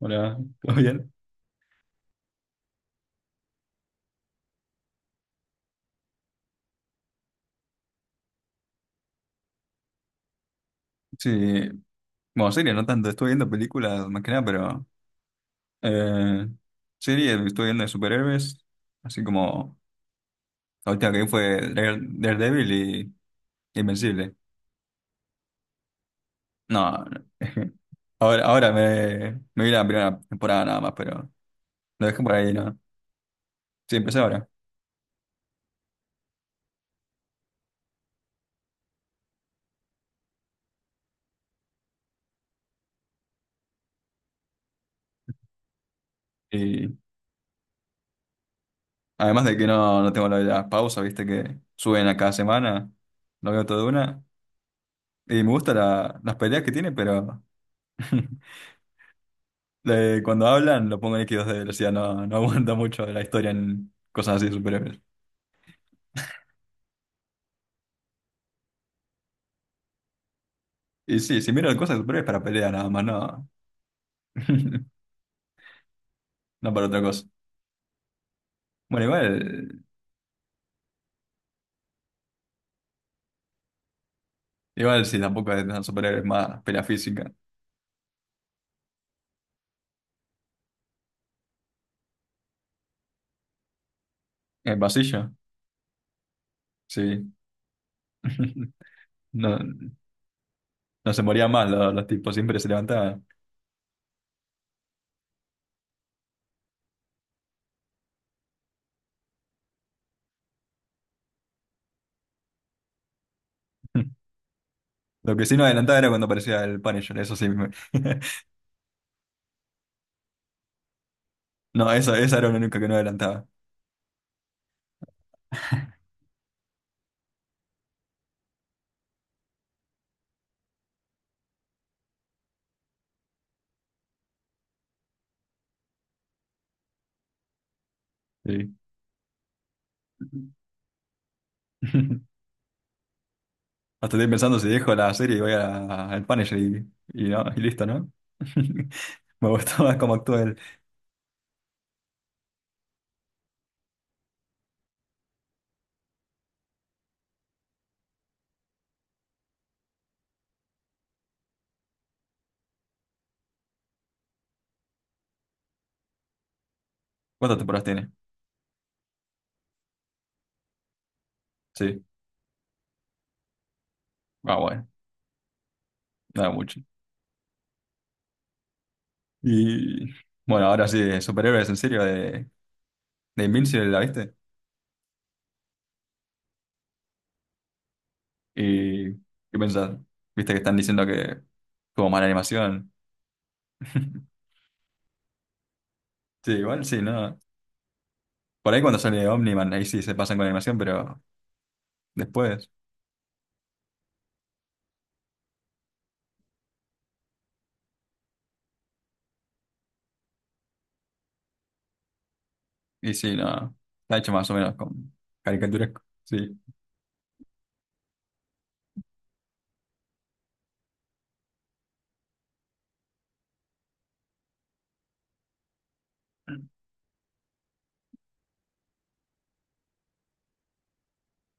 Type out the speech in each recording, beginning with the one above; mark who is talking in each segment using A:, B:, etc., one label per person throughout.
A: Hola, ¿todo bien? Sí, bueno, serie no tanto, estoy viendo películas más que nada, pero eh, serie estoy viendo de superhéroes, así como la última que vi fue Dare- Daredevil y Invencible. No, no. Ahora me vi la primera temporada nada más, pero lo dejé por ahí, ¿no? Sí, empecé ahora. Y además de que no tengo la pausa, viste que suben a cada semana, lo veo todo de una, y las peleas que tiene, pero... cuando hablan, lo pongo en X2 de velocidad, no aguanta mucho la historia en cosas así de superhéroes. Y sí, si miro cosas de superhéroes para pelea nada más, no, no para otra cosa. Bueno, igual, igual sí, tampoco es tan superhéroes más pelea física. En el pasillo, sí. No, no se morían más los tipos, siempre se levantaban. Lo que sí no adelantaba era cuando aparecía el Punisher, eso sí. No, eso, esa era la única que no adelantaba. Sí. Hasta estoy pensando si dejo la serie y voy a- al Punisher y, no, y listo, ¿no? Me gusta más cómo actúa él. ¿Cuántas temporadas tiene? Sí. Ah, bueno, nada mucho. Y bueno, ahora sí, superhéroes en serio de Invincible, ¿la viste? ¿Y qué pensás? ¿Viste que están diciendo que como mala animación? Sí, igual sí, ¿no? Por ahí cuando sale Omniman, ahí sí se pasan con la animación, pero después. Y sí, no. Está hecho más o menos con caricaturesco. Sí.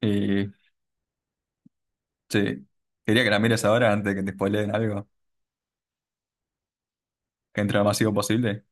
A: Y sí. Quería que la mires ahora antes de que te spoileen algo. Que entre lo más masivo posible.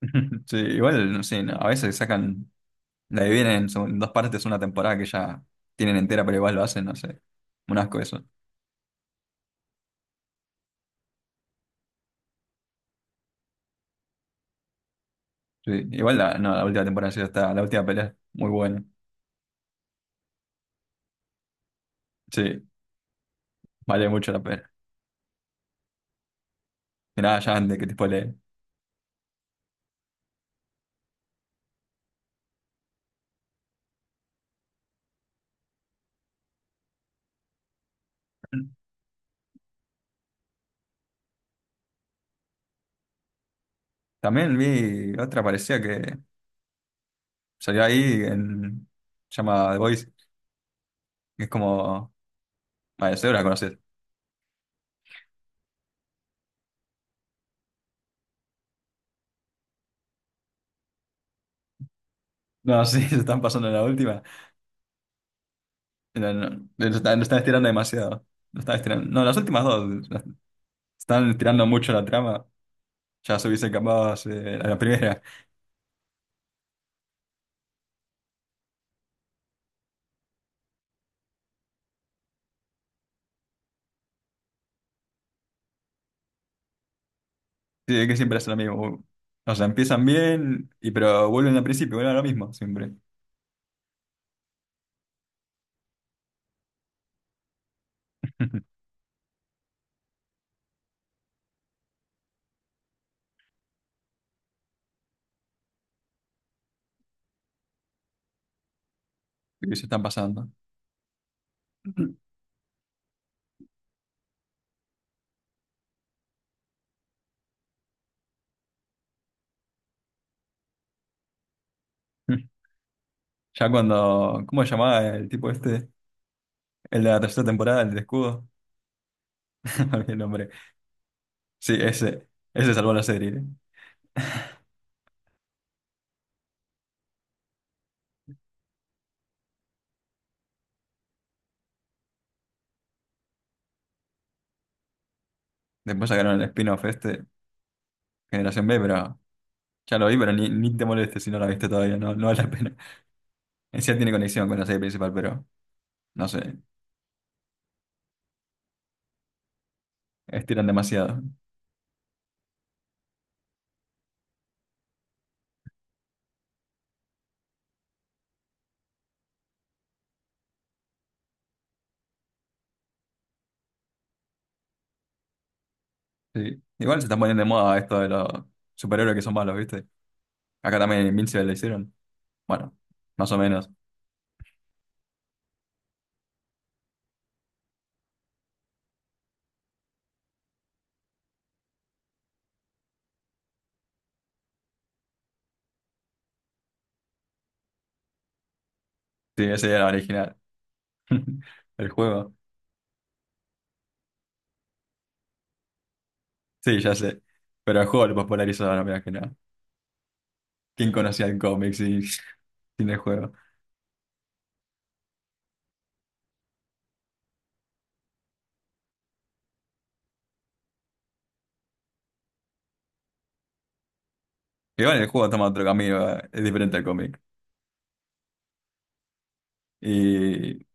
A: Sí, igual, no sé, no, la dividen en, son- en dos partes una temporada que ya tienen entera, pero igual lo hacen, no sé. Un asco eso. Sí, no, la última temporada sí está, la última pelea, muy buena. Sí, vale mucho la pena. Y nada, ya antes que te spoileen. También vi otra parecía que salió ahí en, se llama The Voice, que es como, vale, seguro la conoces. No, sí, se están pasando en la última. No, no, lo están estirando demasiado. Lo están estirando. No, las últimas dos las- están estirando mucho la trama. Ya se hubiese acabado hace- a la primera. Sí, es que siempre es lo mismo. O sea, empiezan bien, y, pero vuelven al principio, vuelven a lo mismo siempre. Y se están pasando. Ya cuando. ¿Cómo se llamaba el tipo este? El de la tercera temporada, el de escudo. No olvidé el nombre. Sí, ese. Ese salvó la serie. ¿Eh? Después sacaron el spin-off este, Generación B, pero. Ya lo vi, pero ni te molestes si no la viste todavía, no, no vale la pena. En sí tiene conexión con la serie principal, pero no sé, estiran demasiado. Sí. Igual se están poniendo de moda esto de los superhéroes que son malos, ¿viste? Acá también en Invincible le hicieron. Bueno, más o menos. Sí, ese era el original. El juego. Sí, ya sé. Pero el juego lo popularizaron, mirá que no. ¿Quién conocía el cómic sin, sin el juego? Igual el juego toma otro camino, es diferente al cómic. Y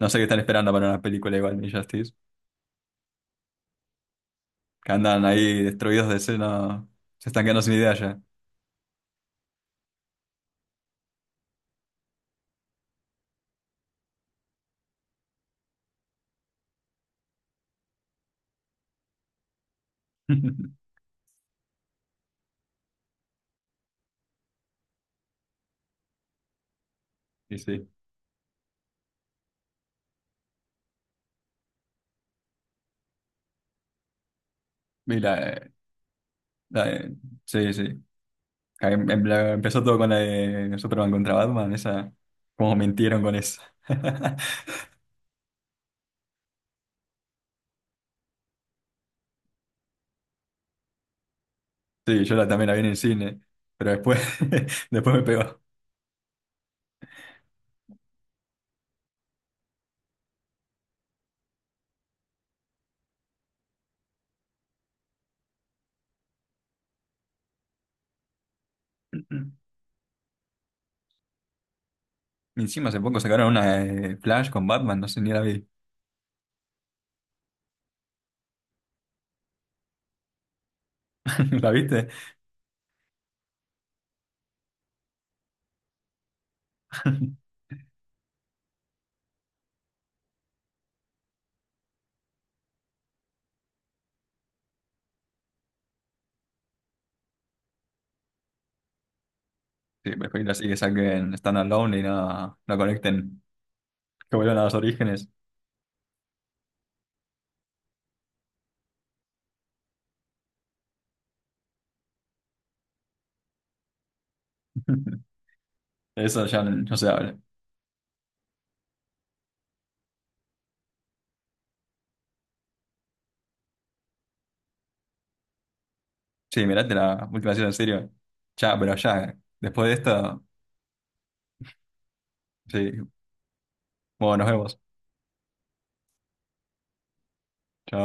A: no sé qué están esperando para una película igual de Injustice. Que andan ahí destruidos de escena. Se están quedando sin idea ya. Sí, sí. Y la, la de- sí, sí. Empezó todo con la de Superman contra Batman, esa, como mintieron con esa. Sí, también la vi en el cine, pero después, después me pegó. Y encima hace poco sacaron una de Flash con Batman, no sé, ni la vi. ¿La viste? Sí, prefiero así que saquen Stand Alone y no conecten, que vuelvan a los orígenes. Eso ya no se habla. Sí, mirate la última serie en serio. Ya, pero ya, después de esto, sí. Bueno, nos vemos. Chao.